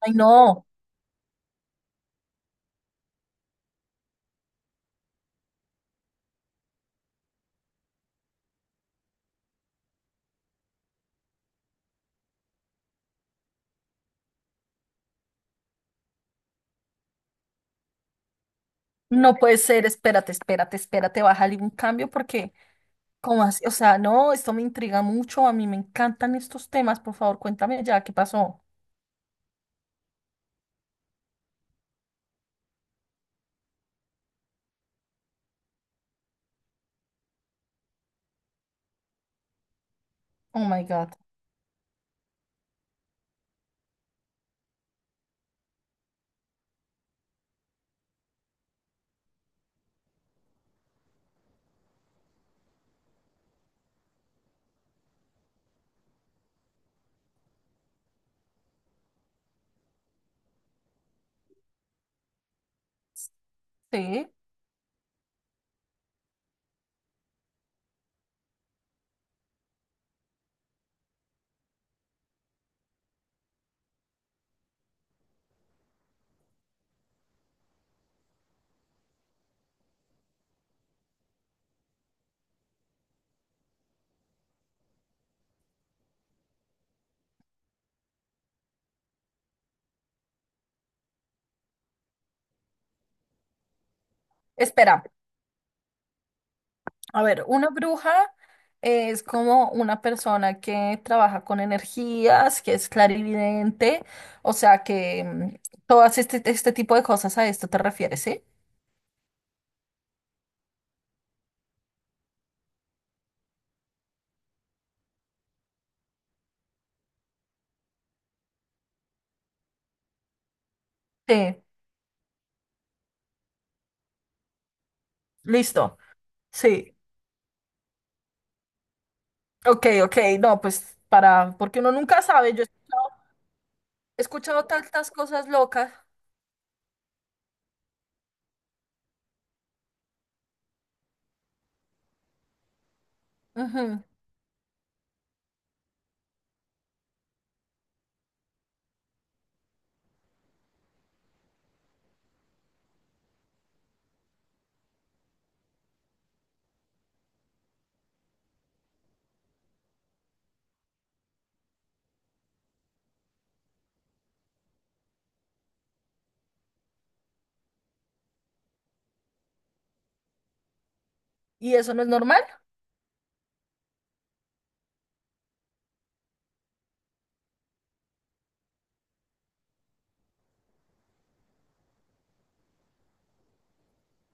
Ay, no, no puede ser, espérate, espérate, espérate, bájale un cambio porque, ¿cómo así? O sea, no, esto me intriga mucho, a mí me encantan estos temas, por favor, cuéntame ya, ¿qué pasó? Oh my God, sí. Espera, a ver, una bruja es como una persona que trabaja con energías, que es clarividente, o sea, que todas este tipo de cosas a esto te refieres, ¿sí? Sí, listo. Sí, ok, ok. No, pues para, porque uno nunca sabe. Yo he escuchado tantas cosas locas. Ujú. ¿Y eso no es normal?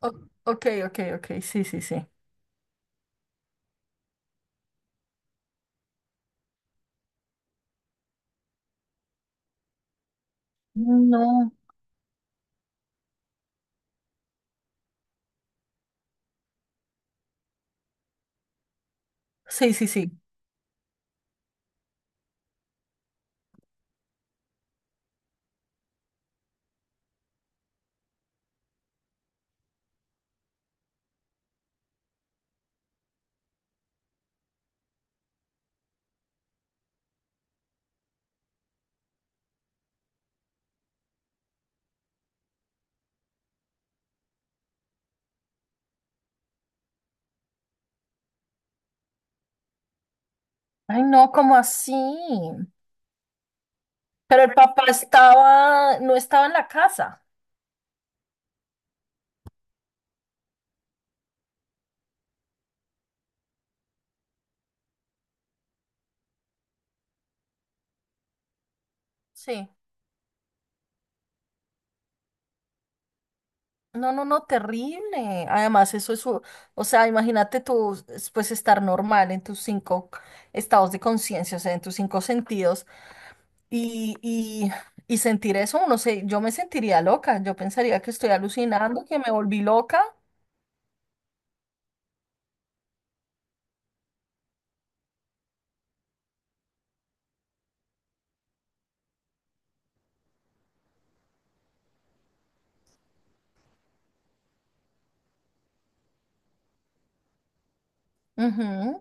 O- ok, ok, ok. Sí, sí, sí. No. Sí, sí, sí. Ay, no, ¿cómo así? Pero el papá estaba, no estaba en la casa. Sí. No, no, no, terrible. Además, eso es, o sea, imagínate tú, es, pues estar normal en tus cinco estados de conciencia, o sea, en tus cinco sentidos y, y, y sentir eso, no sé, yo me sentiría loca, yo pensaría que estoy alucinando, que me volví loca. Ujú.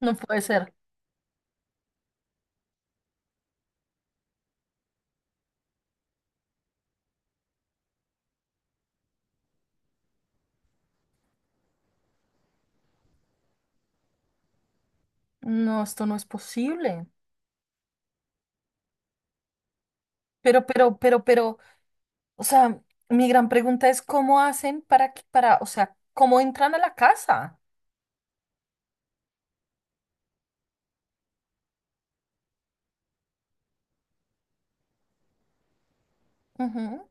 No puede ser. No, esto no es posible. Pero, o sea, mi gran pregunta es cómo hacen para, para, o sea, cómo entran a la casa. Ujú.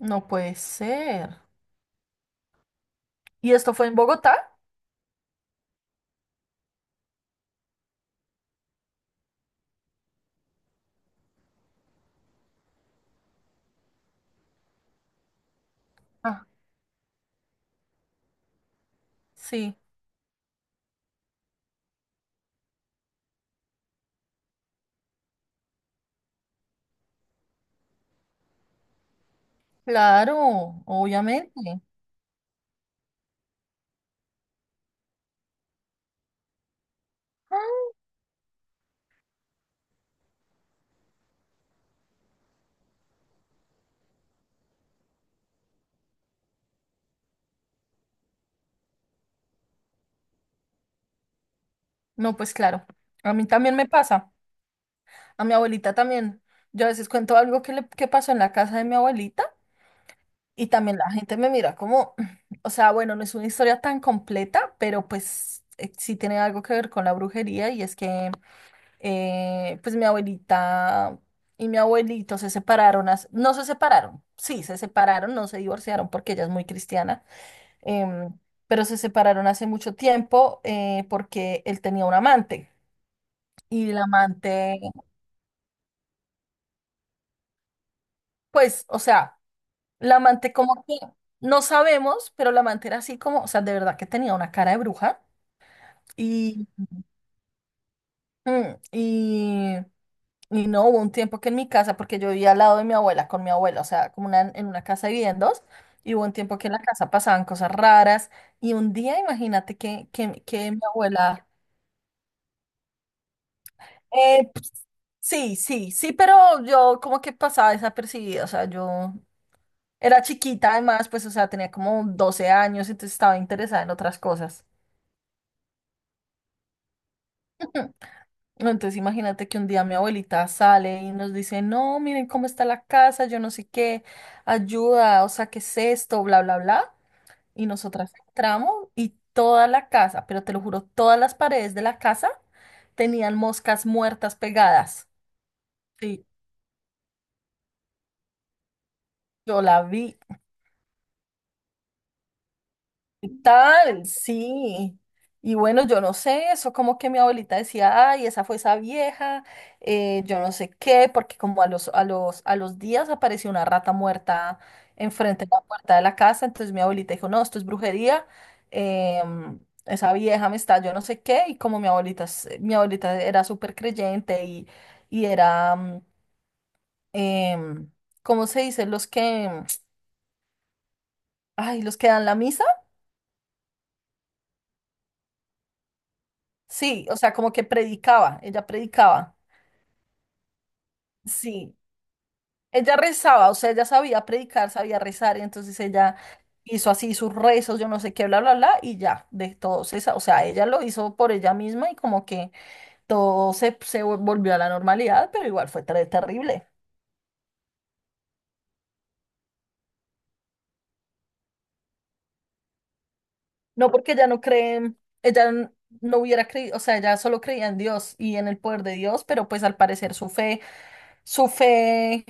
No puede ser. ¿Y esto fue en Bogotá? Ah, sí, claro, obviamente. No, pues claro, a mí también me pasa, a mi abuelita también. Yo a veces cuento algo que pasó en la casa de mi abuelita y también la gente me mira como, o sea, bueno, no es una historia tan completa, pero pues sí tiene algo que ver con la brujería, y es que pues mi abuelita y mi abuelito se separaron, no se separaron, sí, se separaron, no se divorciaron porque ella es muy cristiana. em, pero se separaron hace mucho tiempo porque él tenía un amante y la amante, pues, o sea, la amante como que no sabemos, pero la amante era así como, o sea, de verdad que tenía una cara de bruja y, mm, y, y no hubo un tiempo que en mi casa, porque yo vivía al lado de mi abuela con mi abuela, o sea, como en una casa vivían dos. Y hubo un tiempo que en la casa pasaban cosas raras. Y un día, imagínate que mi abuela. Eh, sí, sí, sí, pero yo como que pasaba desapercibida, o sea, yo era chiquita además, pues, o sea, tenía como 12 años, entonces estaba interesada en otras cosas. Entonces imagínate que un día mi abuelita sale y nos dice, no, miren cómo está la casa, yo no sé qué, ayuda, o sea, ¿qué es esto? Bla, bla, bla. Y nosotras entramos y toda la casa, pero te lo juro, todas las paredes de la casa tenían moscas muertas pegadas. Sí, yo la vi. Tal, sí. Y bueno, yo no sé, eso como que mi abuelita decía, ay, esa fue esa vieja, yo no sé qué, porque como a los días apareció una rata muerta enfrente de la puerta de la casa, entonces mi abuelita dijo, no, esto es brujería, em, esa vieja me está, yo no sé qué, y como mi abuelita, mi abuelita era súper creyente y era, em, ¿cómo se dice? Los que, ay, los que dan la misa, sí, o sea, como que predicaba, ella predicaba. Sí, ella rezaba, o sea, ella sabía predicar, sabía rezar, y entonces ella hizo así sus rezos, yo no sé qué, bla, bla, bla, y ya, de todo o sea, ella lo hizo por ella misma y como que todo se volvió a la normalidad, pero igual fue terrible. No porque ella no cree, ella n- no hubiera creído, o sea, ella solo creía en Dios y en el poder de Dios, pero pues al parecer su fe,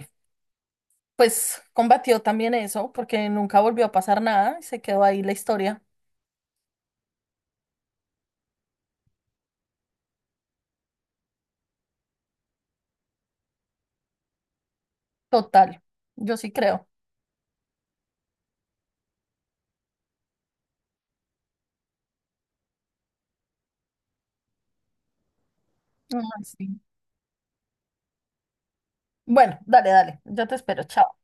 pues combatió también eso, porque nunca volvió a pasar nada, y se quedó ahí la historia total, yo sí creo. Ah, sí. Bueno, dale, dale. Yo te espero. Chao.